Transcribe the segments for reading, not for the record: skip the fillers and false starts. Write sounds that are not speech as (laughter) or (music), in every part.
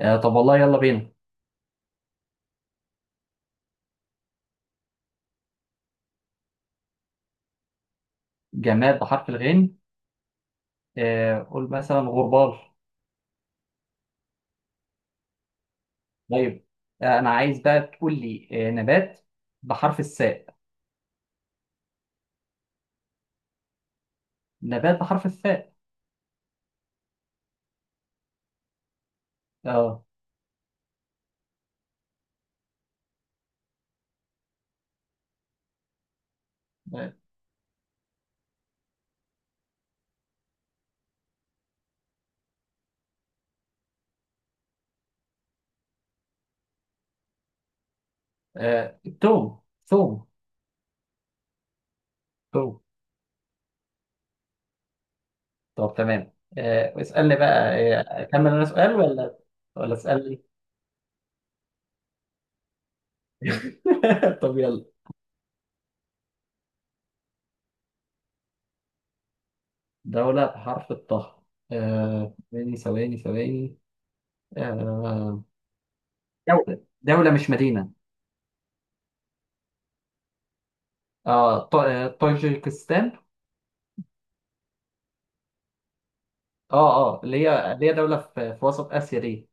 طب والله يلا بينا. جماد بحرف الغين؟ قول مثلا غربال. طيب، انا عايز بقى تقول لي نبات بحرف الساء. نبات بحرف الساء. اه، توم، ثوم، ثوم. طب تمام، اسألني بقى. اكمل انا سؤال ولا ولا اسألني؟ (laughs) طب يلا. دولة بحرف الطه؟ آه، ثواني ثواني ثواني آه، دولة مش مدينة. اه، طاجيكستان. اه اه، اللي هي دولة في وسط آسيا دي.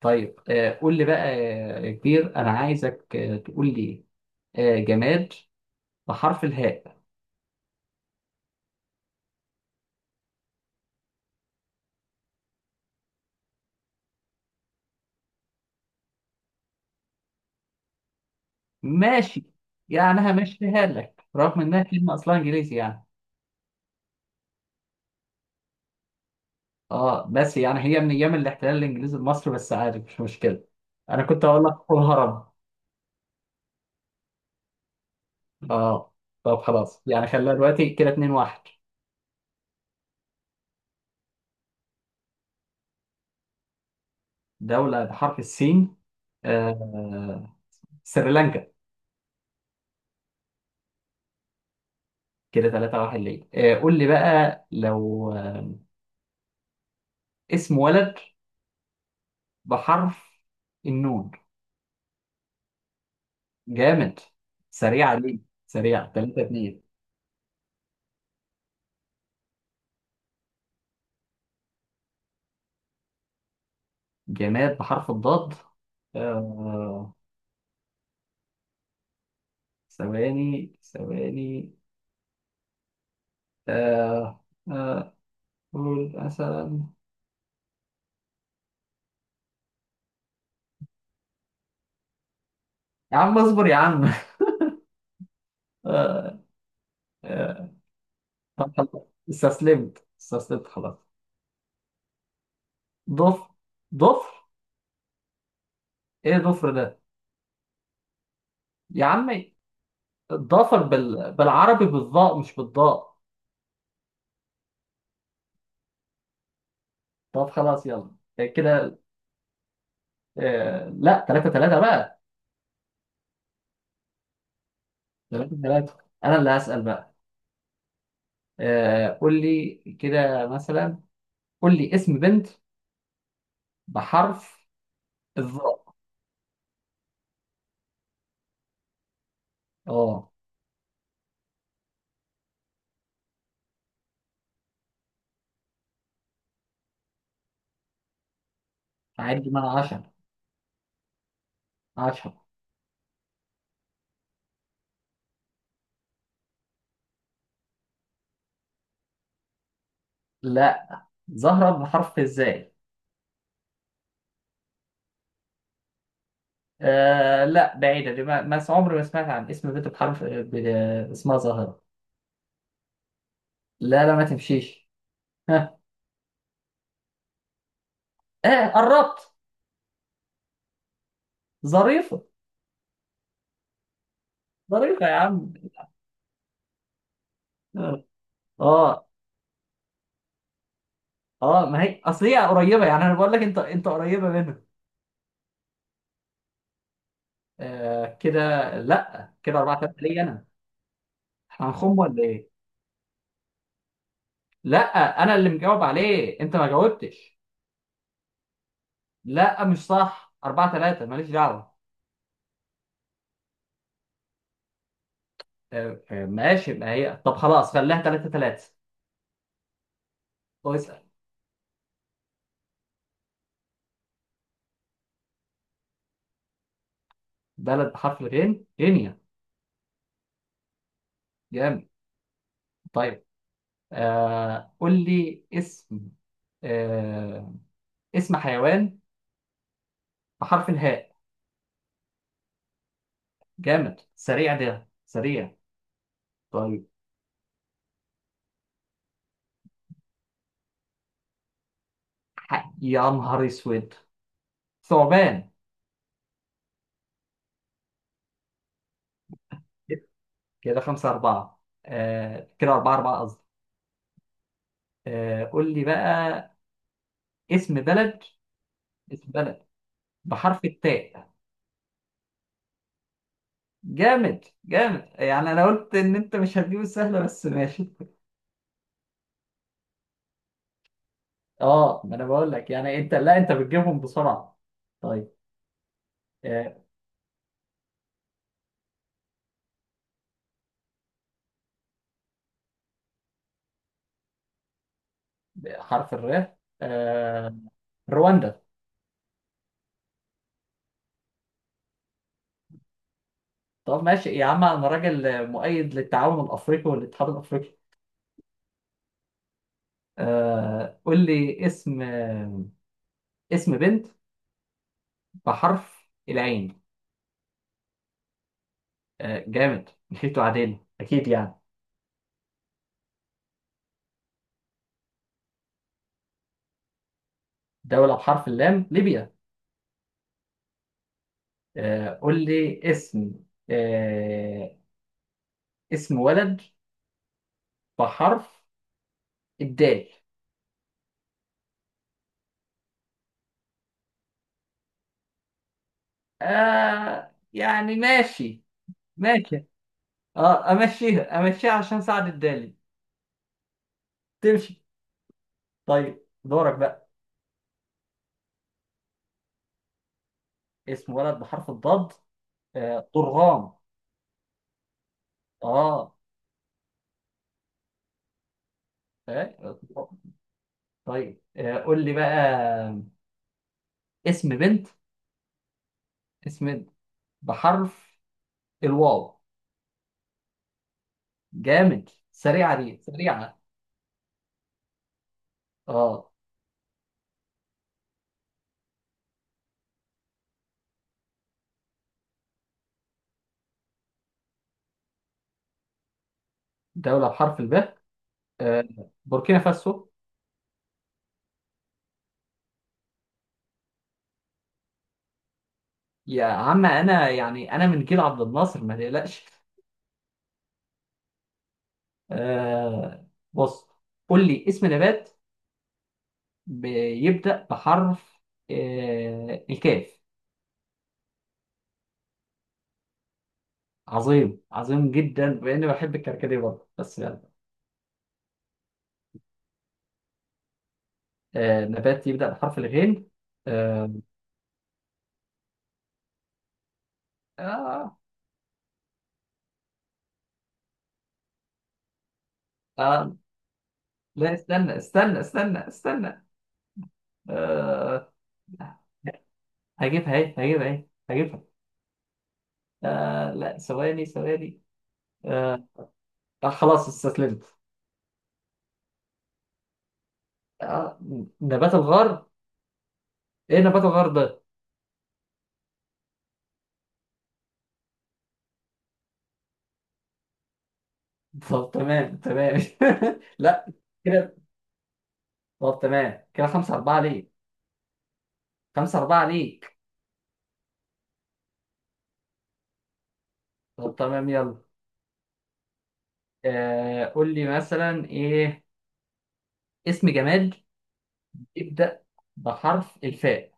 طيب، قول لي بقى، يا كبير أنا عايزك تقول لي جماد بحرف الهاء. ماشي، يعني همشيها لك رغم إنها كلمة أصلها إنجليزي يعني. اه، بس يعني هي من أيام الاحتلال الإنجليزي لمصر، بس عادي مش مشكلة. أنا كنت هقول لك الهرم. اه، طب خلاص، يعني خلينا دلوقتي كده 2 1. دولة بحرف السين؟ آه سريلانكا. كده 3 1 ليه؟ قول لي بقى لو اسم ولد بحرف النون. جامد، سريع عليك، سريع. 3 2. جماد بحرف الضاد. آه... ثواني ثواني آه... آه... قول مثلا. يا عم اصبر يا عم. (laughs) آه... آه... طب خلاص، استسلمت خلاص. ضفر؟ ضفر؟ ايه ضفر ده؟ يا عمي، الضفر بالعربي بالضاء، مش بالضاء. طب خلاص يلا. كده لا، 3 3 بقى. ثلاثة ثلاثة. أنا اللي هسأل بقى. قول لي كده مثلا، قول لي اسم بنت بحرف الظاء. أه. عد من 10. 10. لا، زهرة بحرف الزاي. لا، بعيدة دي. ما, ما س- عمري ما سمعت عن اسم بنت اسمها زهرة. لا لا، ما تمشيش. ها؟ قربت. ظريفة. ظريفة يا عم. اه اه، ما هي اصل هي قريبة يعني، انا بقول لك انت قريبة منها. كده. لا، كده أربعة ثلاثة ليا أنا. احنا هنخم ولا ايه؟ لا، انا اللي مجاوب عليه، انت ما جاوبتش. لا مش صح، 4 3، ماليش دعوه. ماشي، ما هي طب خلاص خليها 3 3. اسال. بلد بحرف الغين؟ غينيا. جامد. طيب، قول لي اسم آه اسم حيوان بحرف الهاء. جامد، سريع ده، سريع. طيب. يا نهار اسود، ثعبان. كده خمسة أربعة. كده أربعة أربعة قصدي. قول لي بقى اسم بلد، اسم بلد بحرف التاء. جامد جامد، يعني انا قلت ان انت مش هتجيب السهله، بس ماشي. اه، ما انا بقول لك يعني، انت لا انت بتجيبهم بسرعه. طيب. آه حرف الر. آه رواندا. طب ماشي يا عم، انا راجل مؤيد للتعاون الافريقي والاتحاد الافريقي. قول لي اسم اسم بنت بحرف العين. جامد، مشيتوا عدل اكيد يعني. دوله بحرف اللام؟ ليبيا. قول لي اسم آه، اسم ولد بحرف الدال. يعني ماشي. ماشي. اه، امشيها امشيها عشان سعد الدالي. تمشي. طيب دورك بقى. اسم ولد بحرف الضاد. طرغام. اه. آه، طيب، قول لي بقى اسم بنت، اسم بنت بحرف الواو. جامد، سريعة دي سريعة. اه. دولة بحرف الباء؟ آه، بوركينا فاسو. يا عم انا يعني، انا من جيل عبد الناصر، ما تقلقش. آه بص، قول لي اسم نبات بيبدأ بحرف الكاف. عظيم، عظيم جدا، باني بحب الكركديه برضه بس يعني. نبات يبدأ بحرف الغين. آه آه آه لا استنى. آه هجيبها. لا، ثواني. آه خلاص استسلمت. آه نبات الغار. ايه نبات الغرب ده؟ طب تمام تمام. (laughs) لا. كده طب تمام، كده خمسة أربعة ليك. خمسة أربعة ليك. طب تمام يلا. قول لي مثلا ايه، اسم جماد يبدأ بحرف الفاء.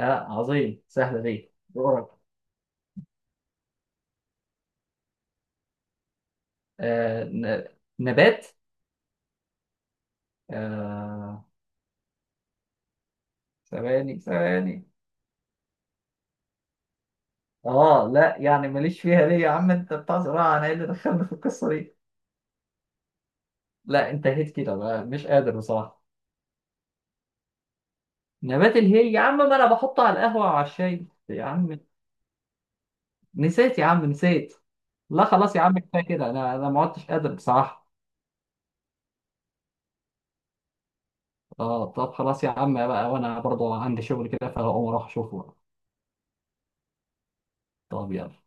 آه عظيم، سهلة دي، دورك. آه ن- نبات. آه ثواني ثواني. اه لا، يعني ماليش فيها ليه يا عم، انت بتاع زراعة، انا ايه اللي دخلنا في القصة دي. لا انتهيت كده بقى، مش قادر بصراحة. نبات الهي يا عم، ما انا بحطه على القهوة وعلى الشاي يا عم. نسيت يا عم، نسيت. لا خلاص يا عم، كفاية كده، انا ما عدتش قادر بصراحة. اه طب خلاص يا عم بقى، وانا برضو عندي شغل كده فهقوم اروح اشوفه. طب يلا.